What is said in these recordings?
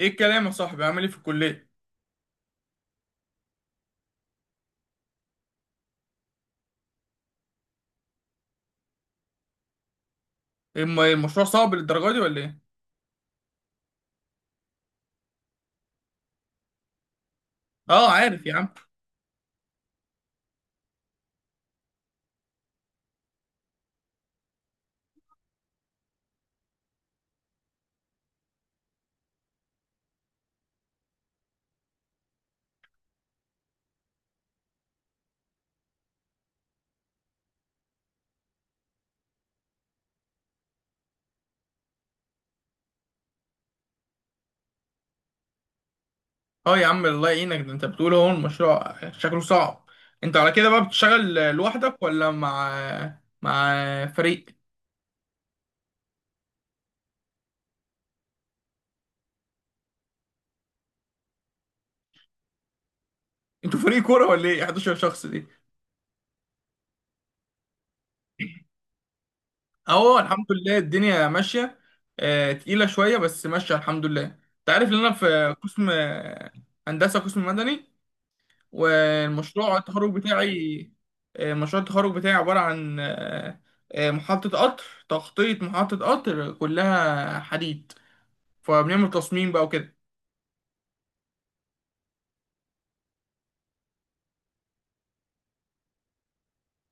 ايه الكلام يا صاحبي، عامل ايه في الكليه؟ إيه المشروع صعب للدرجه دي ولا ايه؟ اه، عارف يا عم. اه يا عم، الله يعينك، ده انت بتقول اهو المشروع شكله صعب. انت على كده بقى بتشتغل لوحدك ولا مع، مع فريق؟ انتوا فريق كوره ولا ايه 11 شخص دي؟ اهو الحمد لله، الدنيا ماشيه. تقيله شويه بس ماشيه الحمد لله. انت عارف ان انا في قسم هندسه، قسم مدني، والمشروع التخرج بتاعي مشروع التخرج بتاعي عبارة عن محطة قطر، تخطيط محطة قطر كلها حديد، فبنعمل تصميم بقى وكده.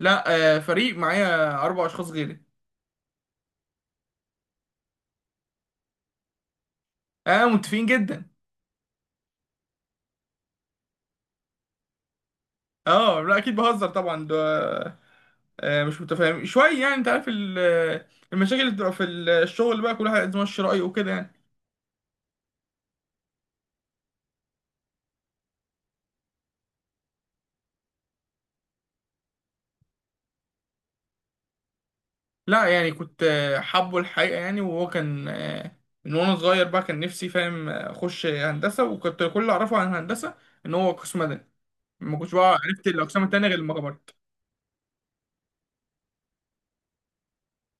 لا، فريق معايا أربع أشخاص غيري. اه، متفقين جدا. اه، لا أكيد بهزر طبعا، ده مش متفاهم شوية يعني، أنت عارف المشاكل اللي بتبقى في الشغل بقى، كل واحد عايز يمشي رأيه وكده يعني. لا، يعني كنت حابه الحقيقة يعني، وهو كان من وانا صغير بقى كان نفسي، فاهم، اخش هندسة، وكنت كل اللي اعرفه عن الهندسة ان هو قسم مدني. ما كنتش بقى عرفت الاقسام التانية غير لما كبرت.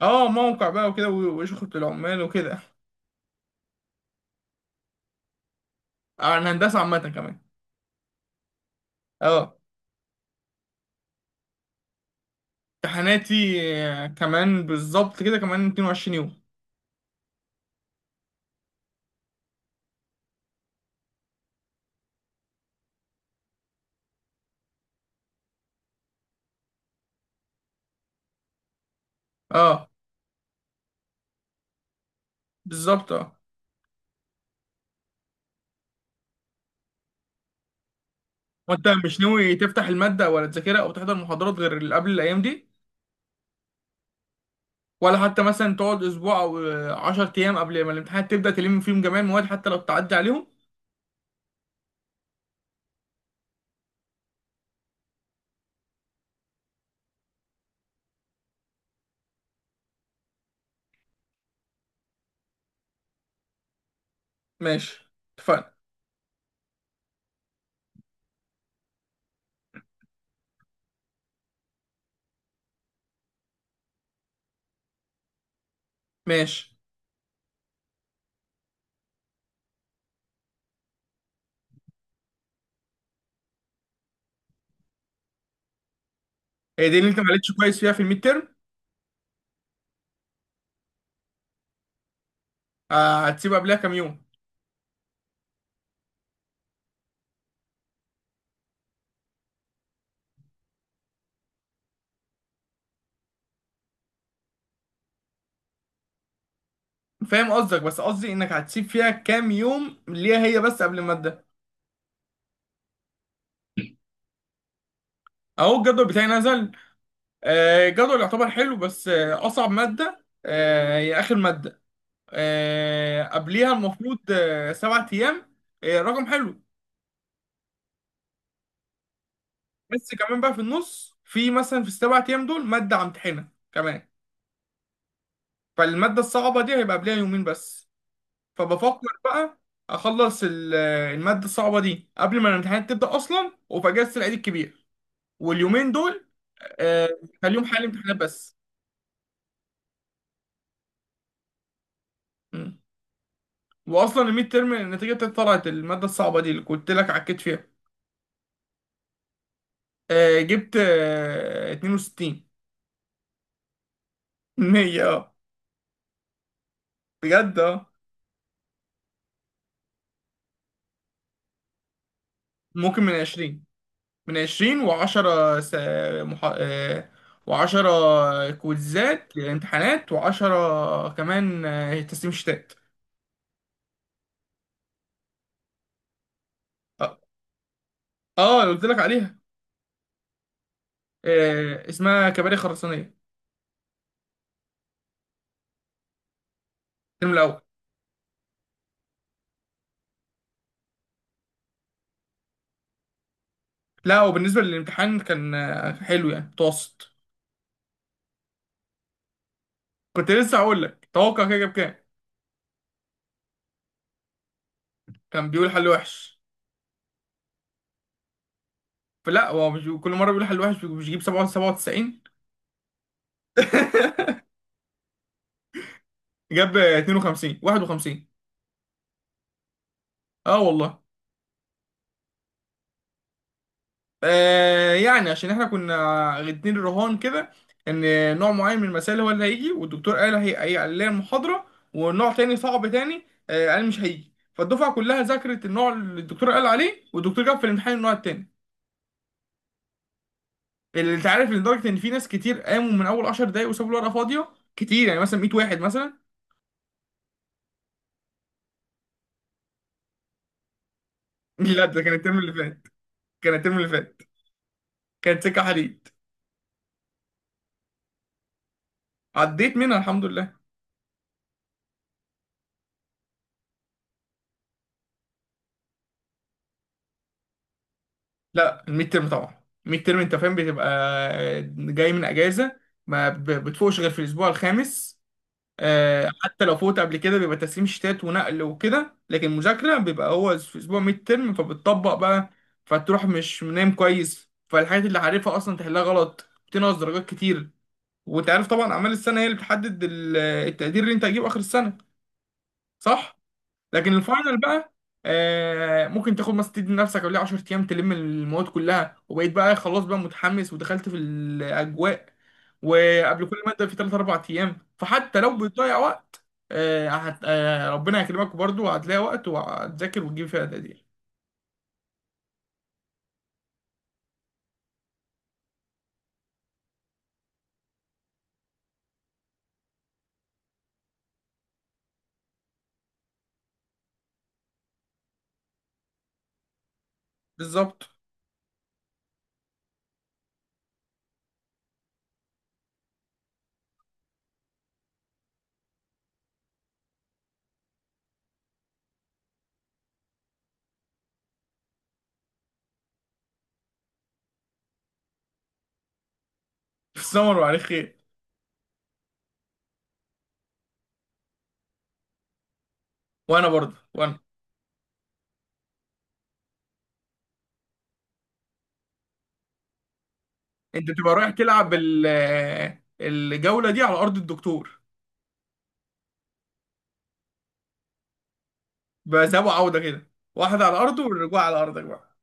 اه، موقع بقى وكده وشغل العمال وكده. عن هندسة عامة كمان. اه. امتحاناتي كمان بالظبط كده كمان 22 يوم. اه، بالظبط، اه. وانت مش ناوي تفتح المادة ولا تذاكرها او تحضر محاضرات غير اللي قبل الايام دي؟ ولا حتى مثلا تقعد اسبوع او 10 ايام قبل ما الامتحانات تبدا تلم فيهم جميع المواد حتى لو بتعدي عليهم؟ ماشي. اتفقنا. ماشي. هي دي اللي انت ما عليتش كويس فيها في الميد تيرم؟ هتسيب قبلها كام يوم؟ فاهم قصدك، بس قصدي انك هتسيب فيها كام يوم ليها هي، بس قبل الماده. اهو الجدول بتاعي نزل. الجدول يعتبر حلو، بس اصعب ماده هي اخر ماده. قبليها المفروض 7 ايام. رقم حلو. بس كمان بقى في النص، في مثلا في السبع ايام دول ماده همتحنها كمان، فالماده الصعبه دي هيبقى قبلها يومين بس. فبفكر بقى اخلص الماده الصعبه دي قبل ما الامتحانات تبدا اصلا، وفي اجازه العيد الكبير واليومين دول آه، خليهم حل امتحانات بس. مم. واصلا الميد ترم النتيجه بتاعتي طلعت، الماده الصعبه دي اللي قلت لك عكيت فيها جبت 62. 100، اه. بجد، اه. ممكن من 20. من 20، و10 س... مح... آه، و10 كويزات امتحانات، و10 كمان تسليم شتات. اه. اللي قلت لك عليها اسمها كباري خرسانية. الترم الأول. لا، وبالنسبة للامتحان كان حلو يعني، متوسط. كنت لسه هقول لك، توقع كده، جاب كام؟ كان بيقول حل وحش. فلا، هو مش كل مرة بيقول حل وحش مش بيجيب 97. جاب 52، 51. اه والله. يعني عشان احنا كنا اتنين رهان كده، ان نوع معين من المسائل هو اللي هيجي، والدكتور قال اللي هي المحاضرة، ونوع تاني صعب تاني قال مش هيجي. فالدفعة كلها ذاكرت النوع اللي الدكتور قال عليه، والدكتور جاب في الامتحان النوع التاني اللي انت عارف، لدرجة ان في ناس كتير قاموا من اول 10 دقايق وسابوا الورقة فاضية، كتير يعني مثلا 100 واحد مثلا. لا، ده كان الترم اللي فات، كان الترم اللي فات، كانت سكة حديد. عديت منها الحمد لله. لا، الميد ترم طبعا، الميد ترم انت فاهم بتبقى جاي من اجازه، ما ب- بتفوقش غير في الاسبوع الخامس. حتى لو فوت قبل كده بيبقى تسليم شتات ونقل وكده، لكن مذاكره بيبقى هو في اسبوع ميد ترم، فبتطبق بقى، فتروح مش نايم كويس، فالحاجات اللي عارفها اصلا تحلها غلط بتنقص درجات كتير. وانت عارف طبعا اعمال السنه هي اللي بتحدد التقدير اللي انت هتجيبه اخر السنه، صح؟ لكن الفاينل بقى ممكن تاخد مثلا، تدي لنفسك قبلها 10 ايام تلم المواد كلها، وبقيت بقى خلاص بقى متحمس ودخلت في الاجواء، وقبل كل ماده في 3، 4 ايام، فحتى لو بتضيع وقت آه هت... آه ربنا هيكرمك برضو، وهتلاقي وقت وهتذاكر وتجيب فيها تقدير. بالظبط. في السمر وعليه خير. وانا برضه، انت بتبقى رايح تلعب ال... آه، الجوله دي على ارض الدكتور بقى، ذهاب وعوده كده، واحده على ارضه والرجوع على ارضك بقى.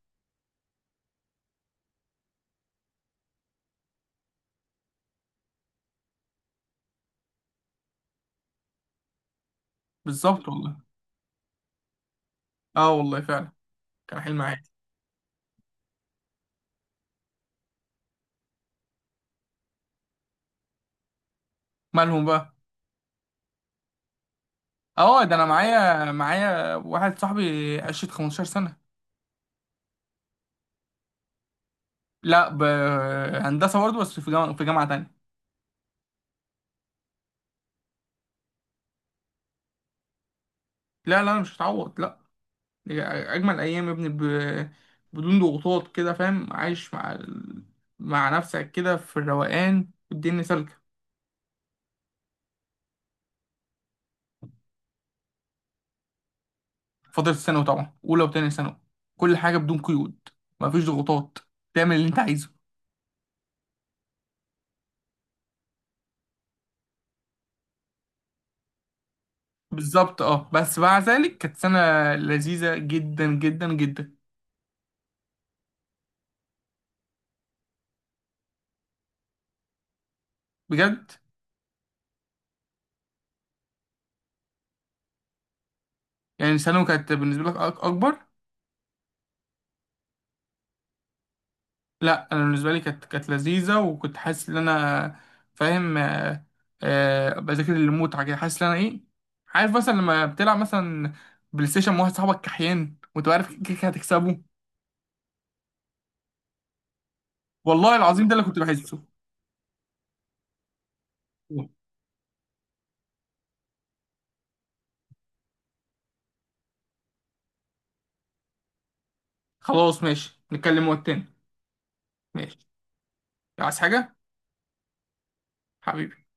بالظبط والله. اه والله فعلا، كان حلم عادي. مالهم بقى؟ اه، ده انا معايا واحد صاحبي قشة 15 سنة. لا، هندسة برضه، بس في جامعة تانية. لا لا، مش هتعوض، لا. دي اجمل ايام يا ابني، بدون ضغوطات كده، فاهم، عايش مع مع نفسك كده في الروقان، والدنيا سالكة. فترة ثانوي طبعا، اولى وتانية ثانوي، كل حاجة بدون قيود، مفيش ضغوطات، تعمل اللي انت عايزه. بالظبط، اه، بس مع ذلك كانت سنة لذيذة جدا جدا جدا. بجد. يعني ثانوي كانت بالنسبة لك أكبر؟ لا، أنا بالنسبة لي كانت لذيذة، وكنت حاسس إن أنا، فاهم، بذاكر المتعة كده، حاسس إن أنا إيه، عارف مثلا لما بتلعب مثلا بلاي ستيشن مع واحد صاحبك كحيان، وأنت عارف كده كده هتكسبه. والله العظيم ده اللي كنت بحسه. خلاص ماشي، نتكلم وقت تاني. ماشي. عايز حاجة؟ حبيبي.